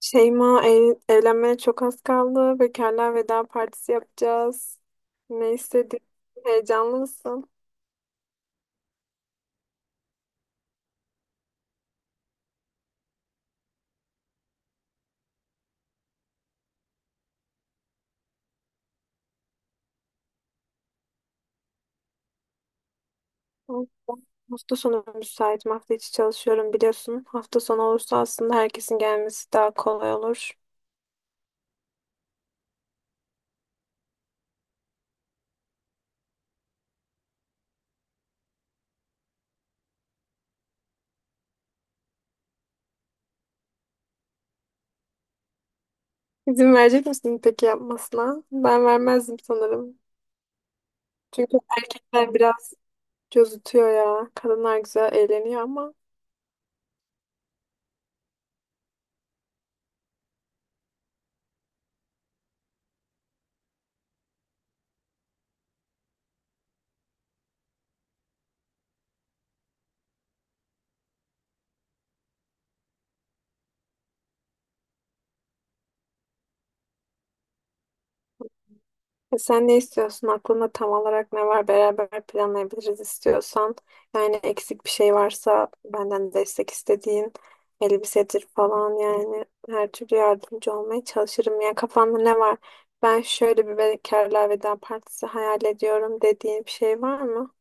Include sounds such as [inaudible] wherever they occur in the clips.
Şeyma ev, evlenmeye çok az kaldı. Bekarlar veda partisi yapacağız. Ne istedin? Heyecanlı mısın? Hafta hafta sonu müsaitim. Hafta içi çalışıyorum biliyorsun. Hafta sonu olursa aslında herkesin gelmesi daha kolay olur. İzin verecek misin peki yapmasına? Ben vermezdim sanırım. Çünkü erkekler biraz cozutuyor ya. Kadınlar güzel eğleniyor ama. Sen ne istiyorsun? Aklında tam olarak ne var? Beraber planlayabiliriz istiyorsan. Yani eksik bir şey varsa benden destek istediğin elbisedir falan, yani her türlü yardımcı olmaya çalışırım. Yani kafanda ne var? Ben şöyle bir bekarlığa veda partisi hayal ediyorum dediğin bir şey var mı?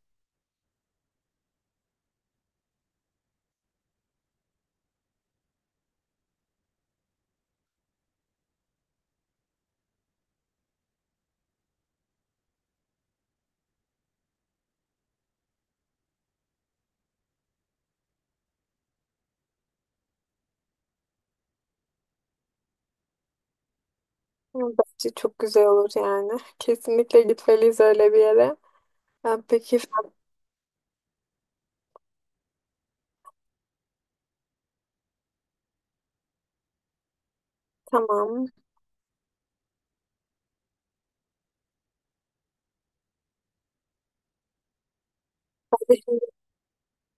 Bence çok güzel olur yani. [laughs] Kesinlikle gitmeliyiz öyle bir yere. Ha, peki tamam. Ben de şimdi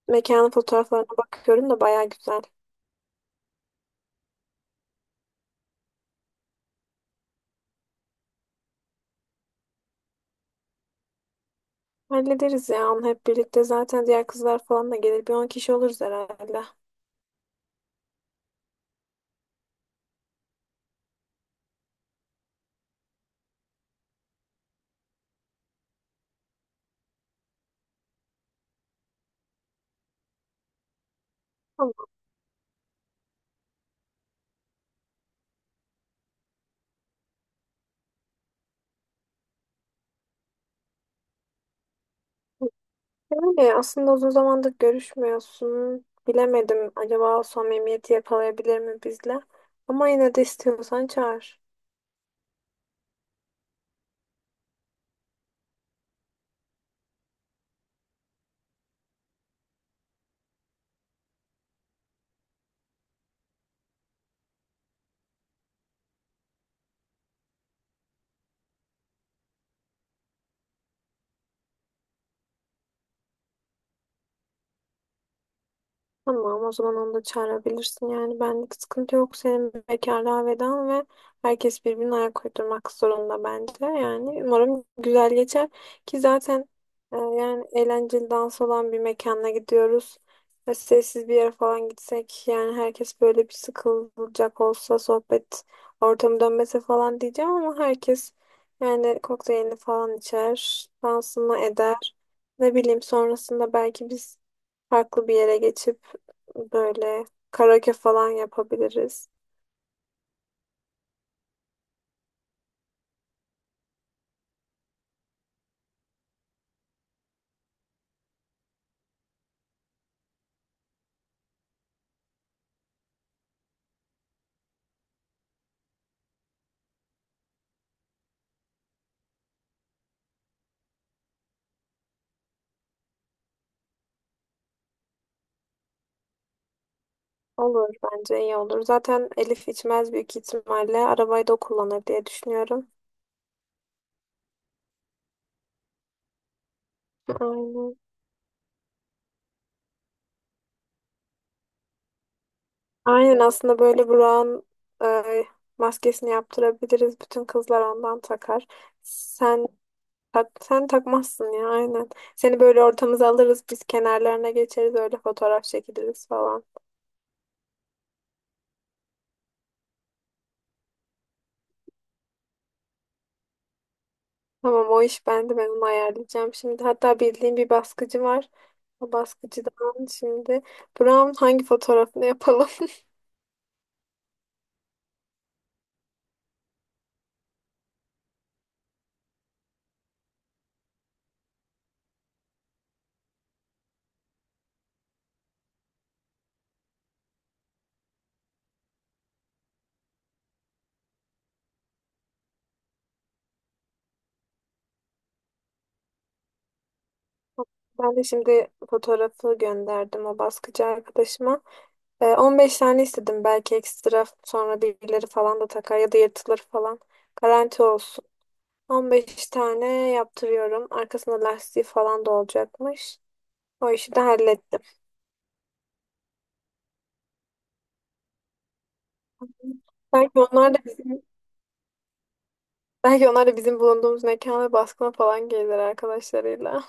mekanın fotoğraflarına bakıyorum da baya güzel. Hallederiz ya onu hep birlikte. Zaten diğer kızlar falan da gelir. Bir 10 kişi oluruz herhalde. Tamam. Öyle aslında uzun zamandır görüşmüyorsun. Bilemedim, acaba o samimiyeti yakalayabilir mi bizle? Ama yine de istiyorsan çağır. Tamam, o zaman onu da çağırabilirsin. Yani benlik sıkıntı yok. Senin bekarlığa vedan ve herkes birbirine ayak uydurmak zorunda bence. Yani umarım güzel geçer ki zaten yani eğlenceli dans olan bir mekana gidiyoruz. Ve sessiz bir yere falan gitsek yani herkes böyle bir sıkılacak olsa sohbet ortamı dönmese falan diyeceğim, ama herkes yani kokteylini falan içer, dansını eder. Ne bileyim, sonrasında belki biz farklı bir yere geçip böyle karaoke falan yapabiliriz. Olur, bence iyi olur. Zaten Elif içmez büyük ihtimalle. Arabayı da o kullanır diye düşünüyorum. Aynen. Aynen, aslında böyle Burak'ın e, maskesini yaptırabiliriz. Bütün kızlar ondan takar. Sen tak, sen takmazsın ya, aynen. Seni böyle ortamıza alırız. Biz kenarlarına geçeriz. Öyle fotoğraf çekiliriz falan. Tamam, o iş bende, ben onu ayarlayacağım şimdi. Hatta bildiğim bir baskıcı var. O baskıcıdan şimdi Brown hangi fotoğrafını yapalım? [laughs] Ben de şimdi fotoğrafı gönderdim o baskıcı arkadaşıma. 15 tane istedim, belki ekstra, sonra birileri falan da takar ya da yırtılır falan. Garanti olsun. 15 tane yaptırıyorum. Arkasında lastiği falan da olacakmış. O işi de hallettim. Belki onlar da bizim Belki onlar da bizim bulunduğumuz mekana baskına falan gelirler arkadaşlarıyla.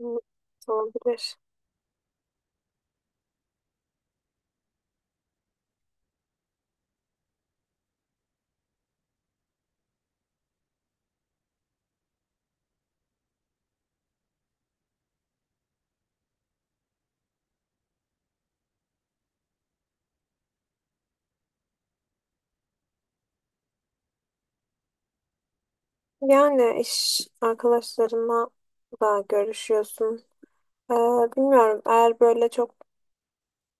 Hı, olabilir. Yani iş arkadaşlarına da görüşüyorsun. Ee, Bilmiyorum, eğer böyle çok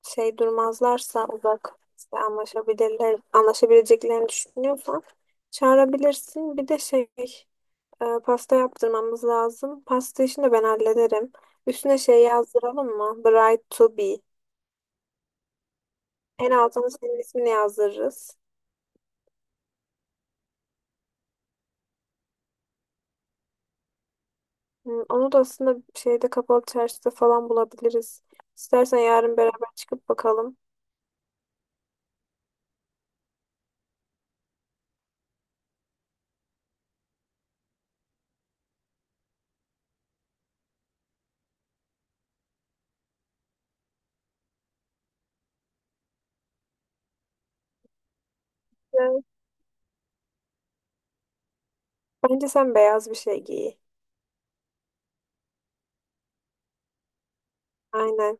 şey durmazlarsa uzak, işte anlaşabilirler, anlaşabileceklerini düşünüyorsan çağırabilirsin. Bir de şey, pasta yaptırmamız lazım. Pasta işini de ben hallederim. Üstüne şey yazdıralım mı? Bride to be. En altına senin ismini yazdırırız. Hı, onu da aslında şeyde, kapalı çarşıda falan bulabiliriz. İstersen yarın beraber çıkıp bakalım. Evet. Bence sen beyaz bir şey giy. Aynen.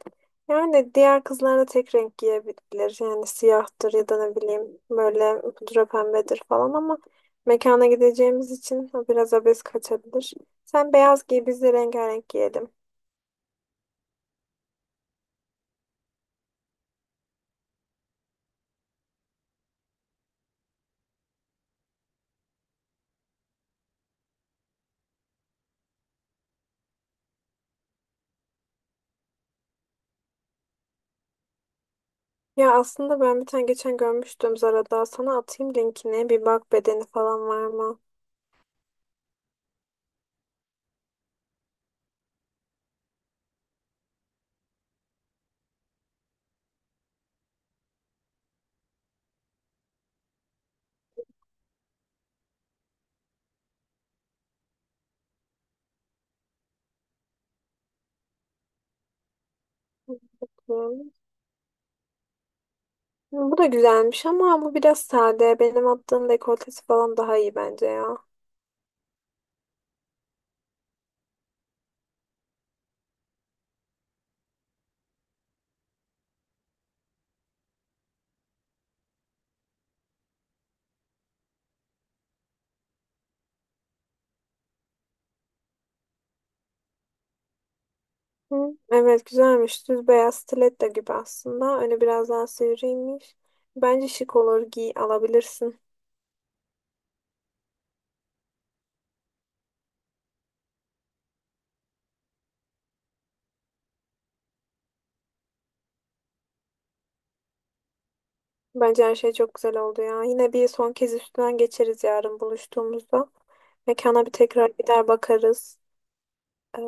Yani diğer kızlar da tek renk giyebilir. Yani siyahtır ya da ne bileyim böyle pudra pembedir falan, ama mekana gideceğimiz için o biraz abes kaçabilir. Sen beyaz giy, biz de rengarenk giyelim. Ya aslında ben bir tane geçen görmüştüm Zara'da. Sana atayım linkini. Bir bak, bedeni falan var mı? Bu da güzelmiş ama bu biraz sade. Benim attığım dekoltesi falan daha iyi bence ya. Hı. Evet, güzelmiş. Düz beyaz stiletto gibi aslında. Öne biraz daha sivriymiş. Bence şık olur. Giy, alabilirsin. Bence her şey çok güzel oldu ya. Yine bir son kez üstünden geçeriz yarın buluştuğumuzda. Mekana bir tekrar gider bakarız. Ee,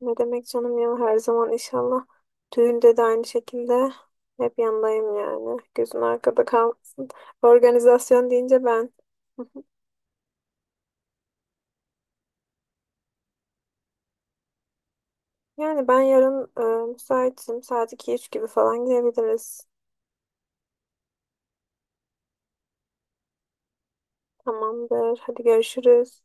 Ne demek canım ya, her zaman inşallah. Düğünde de aynı şekilde hep yanındayım yani. Gözün arkada kalmasın. Organizasyon deyince ben. [laughs] Yani ben yarın müsaitim. Saat iki üç gibi falan gidebiliriz. Tamamdır. Hadi görüşürüz.